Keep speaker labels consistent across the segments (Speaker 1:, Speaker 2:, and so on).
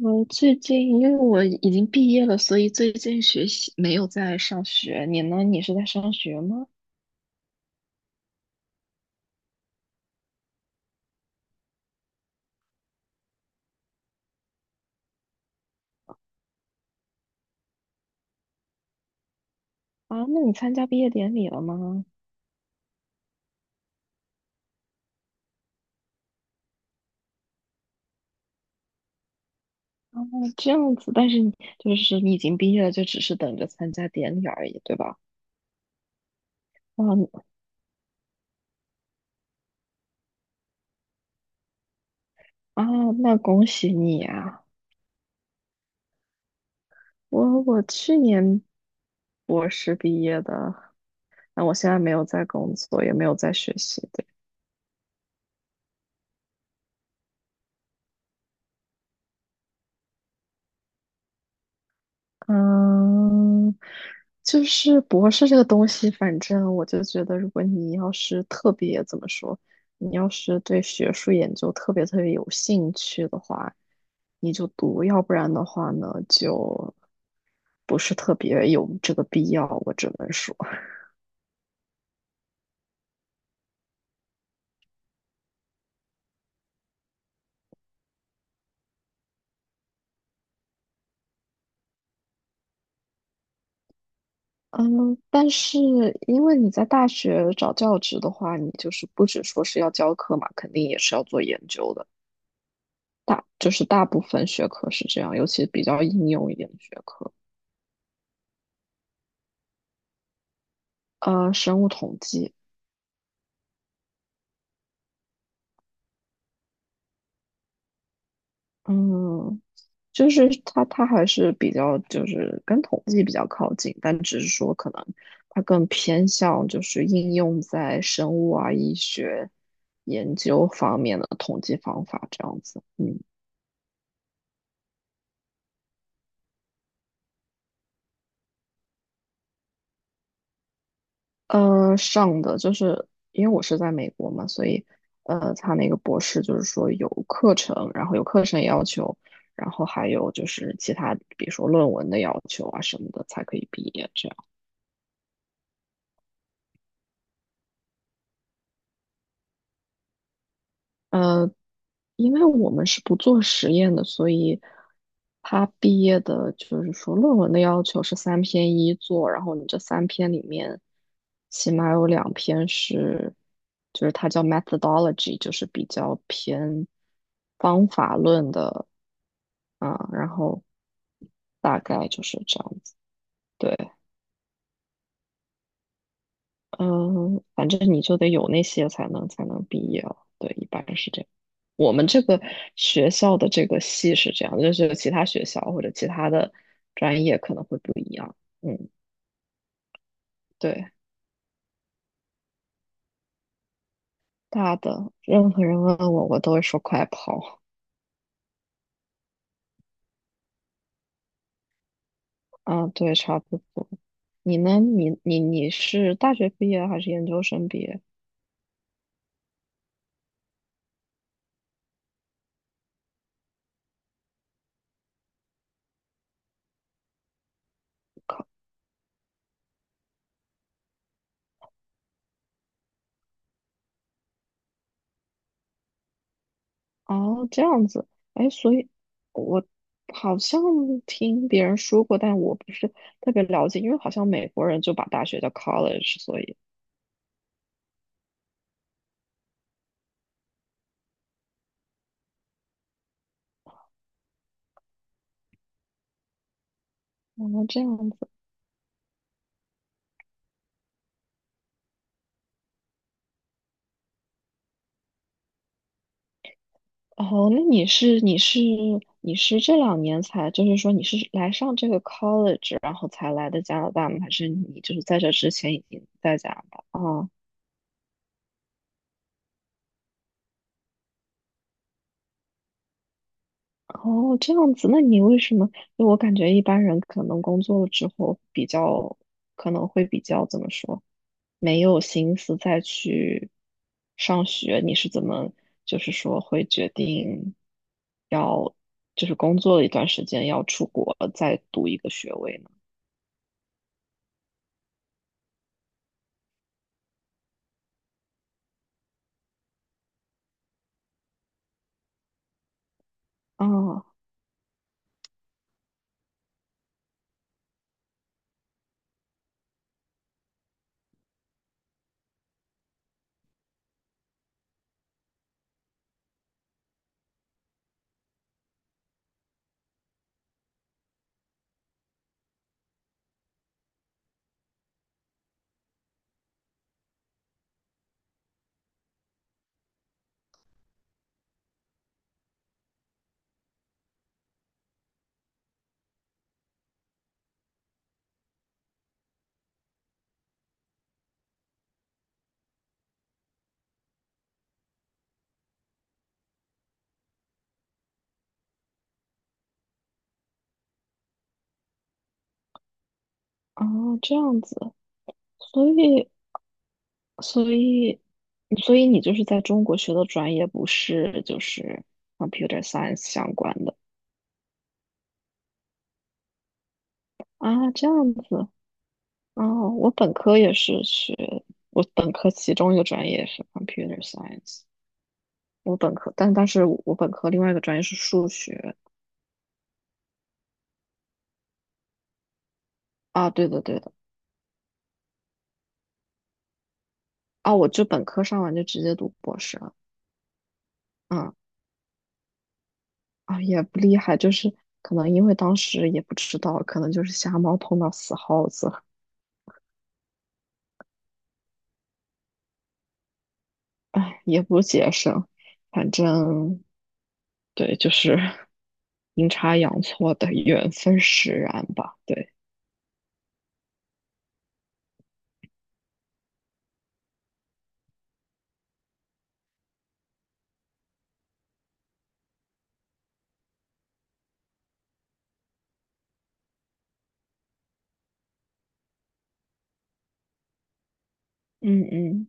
Speaker 1: 我最近因为我已经毕业了，所以最近学习没有在上学。你呢？你是在上学吗？啊，那你参加毕业典礼了吗？哦，这样子，但是你你已经毕业了，就只是等着参加典礼而已，对吧？啊啊，那恭喜你啊！我去年博士毕业的，那我现在没有在工作，也没有在学习。对。嗯，就是博士这个东西，反正我就觉得，如果你要是特别怎么说，你要是对学术研究特别有兴趣的话，你就读；要不然的话呢，就不是特别有这个必要。我只能说，嗯，但是因为你在大学找教职的话，你就是不只说是要教课嘛，肯定也是要做研究的。大就是大部分学科是这样，尤其比较应用一点的学科。呃，生物统计。嗯，就是它还是比较就是跟统计比较靠近，但只是说可能它更偏向就是应用在生物啊、医学研究方面的统计方法这样子。嗯，呃，上的就是因为我是在美国嘛，所以他那个博士就是说有课程，然后有课程要求，然后还有就是其他比如说论文的要求啊什么的才可以毕业这样。呃，因为我们是不做实验的，所以他毕业的就是说论文的要求是三篇一作，然后你这三篇里面起码有两篇是，就是它叫 methodology，就是比较偏方法论的啊，然后大概就是这样子。对，嗯，反正你就得有那些才能毕业了，对，一般是这样。我们这个学校的这个系是这样，就是其他学校或者其他的专业可能会不一样。嗯，对，大的，任何人问我，我都会说快跑。啊，对，差不多。你呢？你是大学毕业还是研究生毕业？考哦，这样子。哎，所以我好像听别人说过，但我不是特别了解，因为好像美国人就把大学叫 college，所以哦，这样子。哦，那你是这两年才，就是说你是来上这个 college，然后才来的加拿大吗？还是你就是在这之前已经在加拿大？啊，哦，这样子，那你为什么？就我感觉一般人可能工作了之后比较，可能会比较怎么说，没有心思再去上学。你是怎么，就是说会决定要，就是工作了一段时间要出国再读一个学位呢？啊。哦，这样子，所以，所以，所以你就是在中国学的专业不是就是 computer science 相关的啊？这样子，哦，我本科也是学，我本科其中一个专业是 computer science，我本科，但是我本科另外一个专业是数学啊，对的对的啊，我就本科上完就直接读博士了，嗯啊，也不厉害，就是可能因为当时也不知道，可能就是瞎猫碰到死耗子。哎，也不节省，反正对，就是 阴差阳错的缘分使然吧。对，嗯嗯，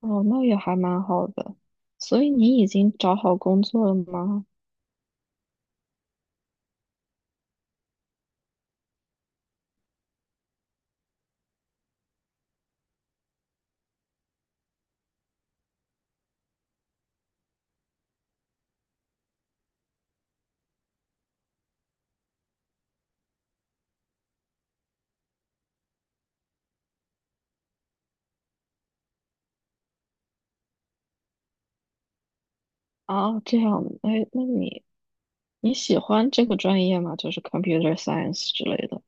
Speaker 1: 哦，那也还蛮好的。所以你已经找好工作了吗？啊，这样，哎，那你你喜欢这个专业吗？就是 computer science 之类的。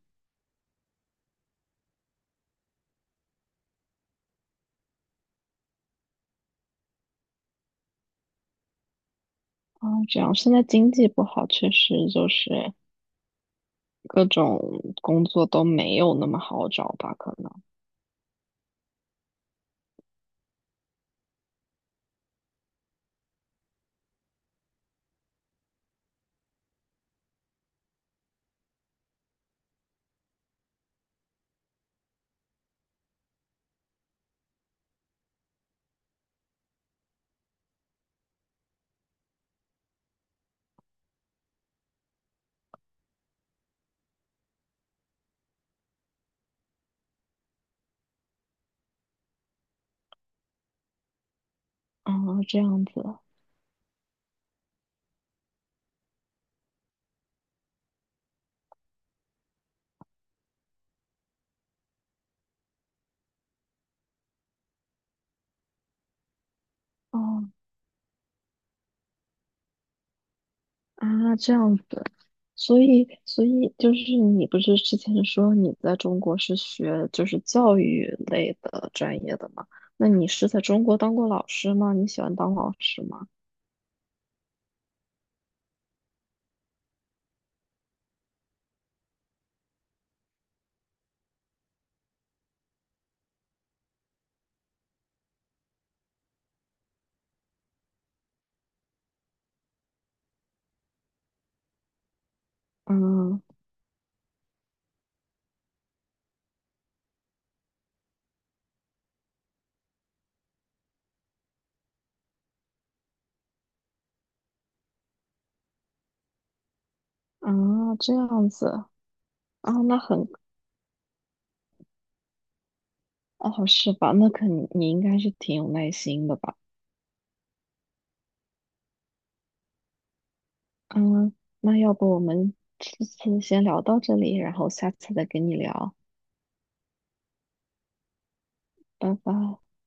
Speaker 1: 啊，这样，现在经济不好，确实就是各种工作都没有那么好找吧？可能。啊，这样子。哦啊，这样子，所以，所以就是你不是之前说你在中国是学就是教育类的专业的吗？那你是在中国当过老师吗？你喜欢当老师吗？嗯啊，这样子啊，那很哦，是吧？那肯你应该是挺有耐心的吧？嗯，那要不我们这次先聊到这里，然后下次再跟你聊，拜拜。